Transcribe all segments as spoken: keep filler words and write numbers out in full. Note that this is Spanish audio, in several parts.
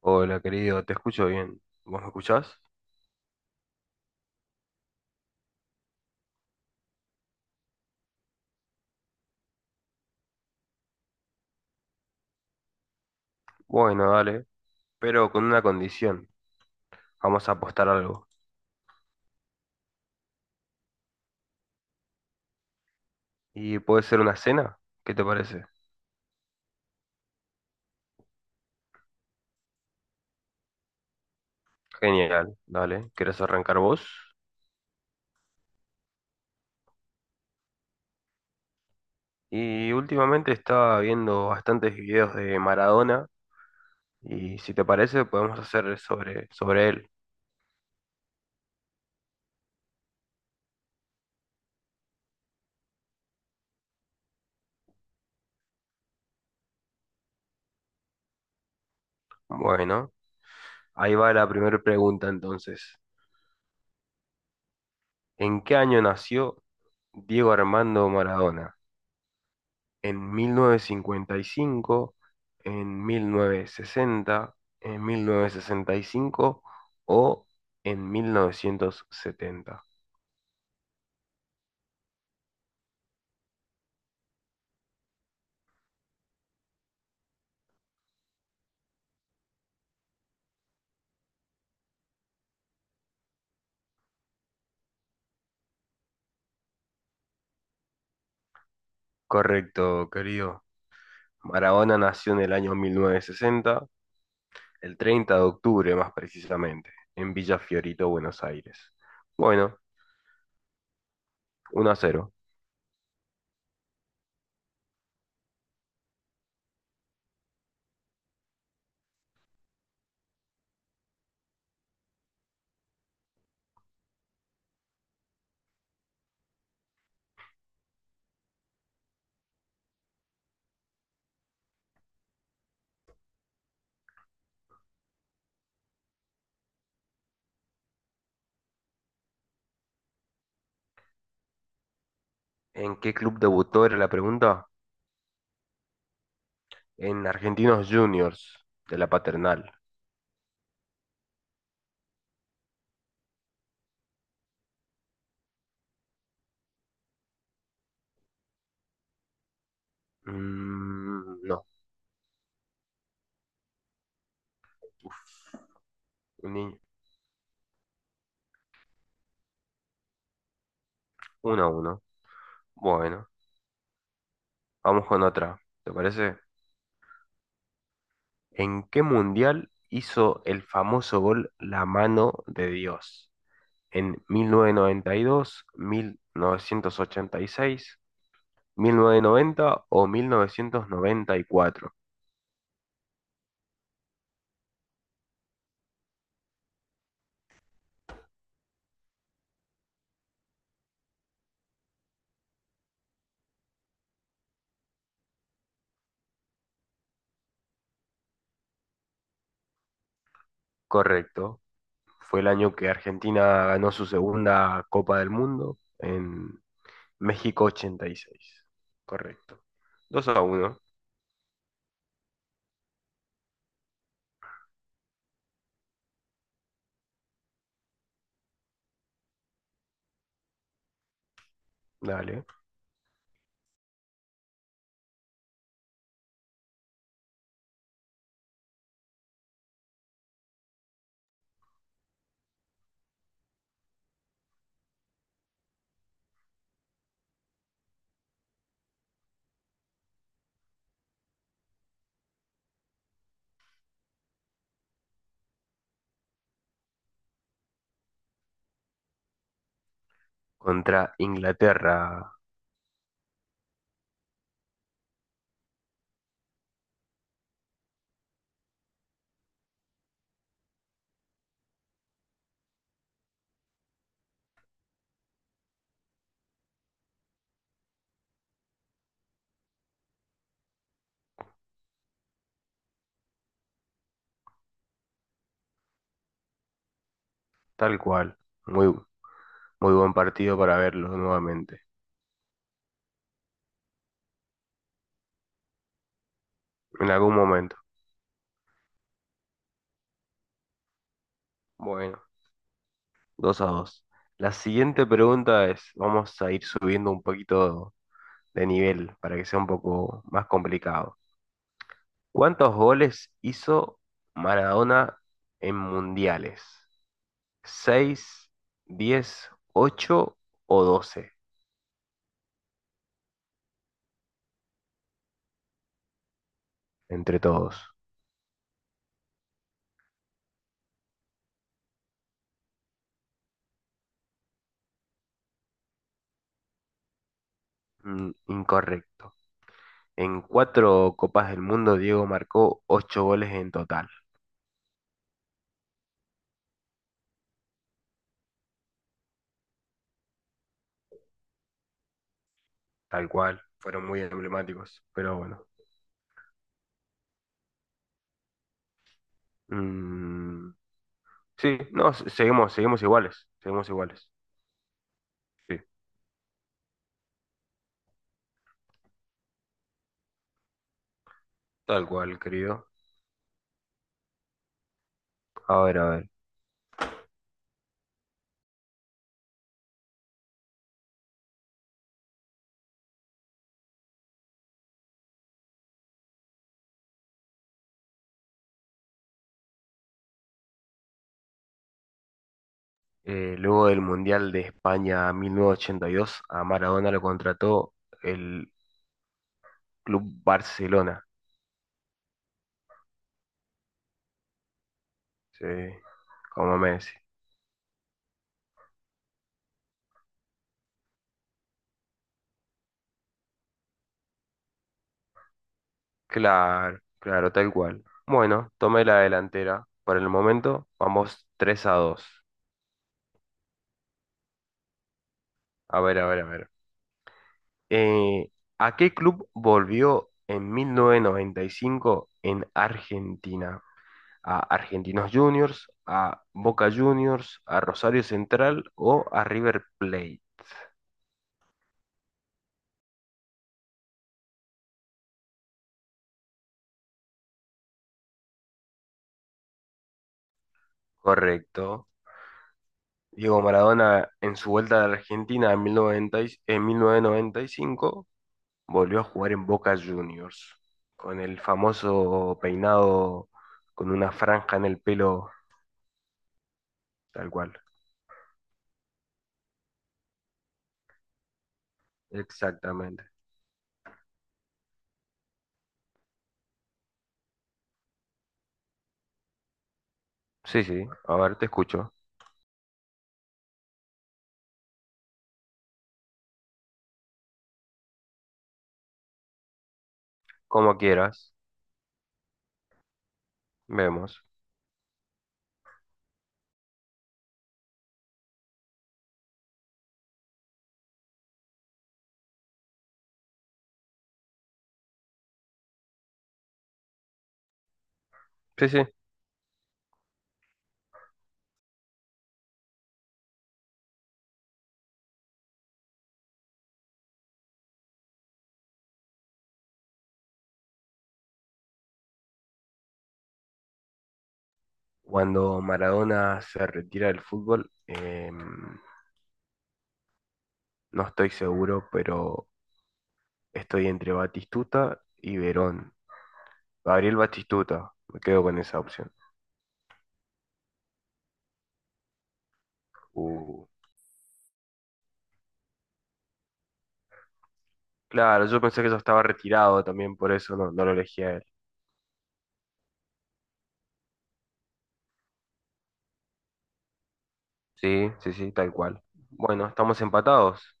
Hola, querido, te escucho bien. ¿Vos me escuchás? Bueno, dale, pero con una condición. Vamos a apostar algo. ¿Y puede ser una cena? ¿Qué te parece? Genial, dale. ¿Querés arrancar vos? Y últimamente estaba viendo bastantes videos de Maradona y si te parece podemos hacer sobre, sobre él. Bueno, ahí va la primera pregunta entonces. ¿En qué año nació Diego Armando Maradona? ¿En mil novecientos cincuenta y cinco, en mil novecientos sesenta, en mil novecientos sesenta y cinco o en mil novecientos setenta? Correcto, querido. Maradona nació en el año mil novecientos sesenta, el treinta de octubre más precisamente, en Villa Fiorito, Buenos Aires. Bueno, uno a cero. ¿En qué club debutó era la pregunta? En Argentinos Juniors, de la Paternal. Mm, no. Uf, un niño. Uno a uno. Bueno. Vamos con otra, ¿te parece? ¿En qué mundial hizo el famoso gol La mano de Dios? ¿En mil mil novecientos novecientos noventa y y dos, mil novecientos ochenta y seis, mil novecientos noventa o mil novecientos noventa y cuatro? Correcto. Fue el año que Argentina ganó su segunda Copa del Mundo en México ochenta y seis. Correcto. Dos a uno. Dale. Contra Inglaterra. Tal cual. Muy, muy buen partido para verlo nuevamente, en algún momento. Bueno, dos a dos. La siguiente pregunta es, vamos a ir subiendo un poquito de nivel para que sea un poco más complicado. ¿Cuántos goles hizo Maradona en mundiales? ¿Seis, diez, ocho o doce? ¿Entre todos? Mm, incorrecto. En cuatro Copas del Mundo, Diego marcó ocho goles en total. Tal cual, fueron muy emblemáticos, pero bueno. Mm, sí, no, se- seguimos, seguimos iguales, seguimos iguales. Sí, tal cual, querido. A ver, a ver. Eh, luego del Mundial de España mil novecientos ochenta y dos, a Maradona lo contrató el Club Barcelona. Sí, como Messi. Claro, claro, tal cual. Bueno, tomé la delantera. Por el momento, vamos tres a dos. A ver, a ver, a ver. Eh, ¿a qué club volvió en mil novecientos noventa y cinco en Argentina? ¿A Argentinos Juniors, a Boca Juniors, a Rosario Central o a River Plate? Correcto. Diego Maradona en su vuelta a la Argentina en mil novecientos noventa, en mil novecientos noventa y cinco, volvió a jugar en Boca Juniors con el famoso peinado, con una franja en el pelo. Tal cual. Exactamente. Sí, sí. A ver, te escucho. Como quieras. Vemos. Sí, sí. Cuando Maradona se retira del fútbol, em, no estoy seguro, pero estoy entre Batistuta y Verón. Gabriel Batistuta, me quedo con esa opción. Uh, claro, yo pensé que ya estaba retirado también, por eso no, no lo elegí a él. Sí, sí, sí, tal cual. Bueno, estamos empatados.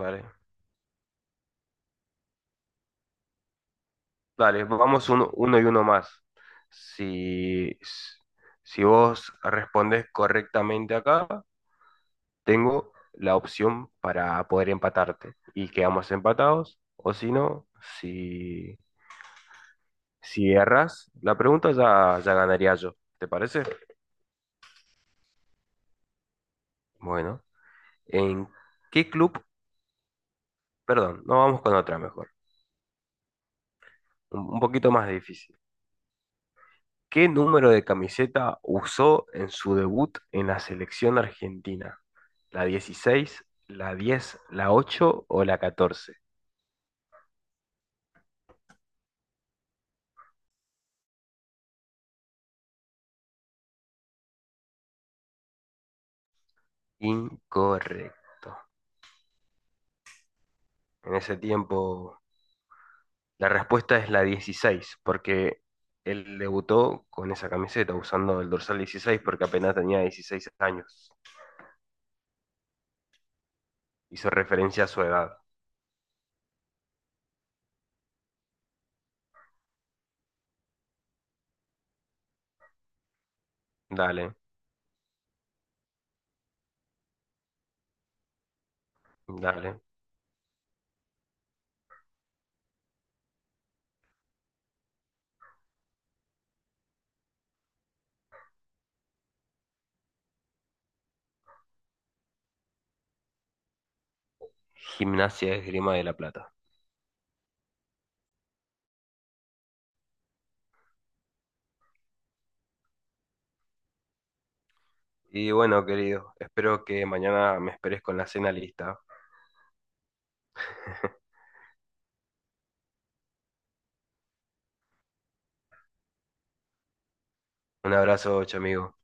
Vale, dale, vamos uno, uno y uno más. Si, si vos respondés correctamente acá, tengo la opción para poder empatarte y quedamos empatados, o si no, si... si erras la pregunta, ya, ya ganaría yo. ¿Te parece? Bueno, ¿en qué club? Perdón, no, vamos con otra mejor. Un, un poquito más difícil. ¿Qué número de camiseta usó en su debut en la selección argentina? ¿La dieciséis, la diez, la ocho o la catorce? Incorrecto. En ese tiempo, la respuesta es la dieciséis, porque él debutó con esa camiseta, usando el dorsal dieciséis porque apenas tenía dieciséis años. Hizo referencia a su edad. Dale, dale. Gimnasia Esgrima de la Plata. Y bueno, querido, espero que mañana me esperes con la cena lista. Un abrazo, chamigo.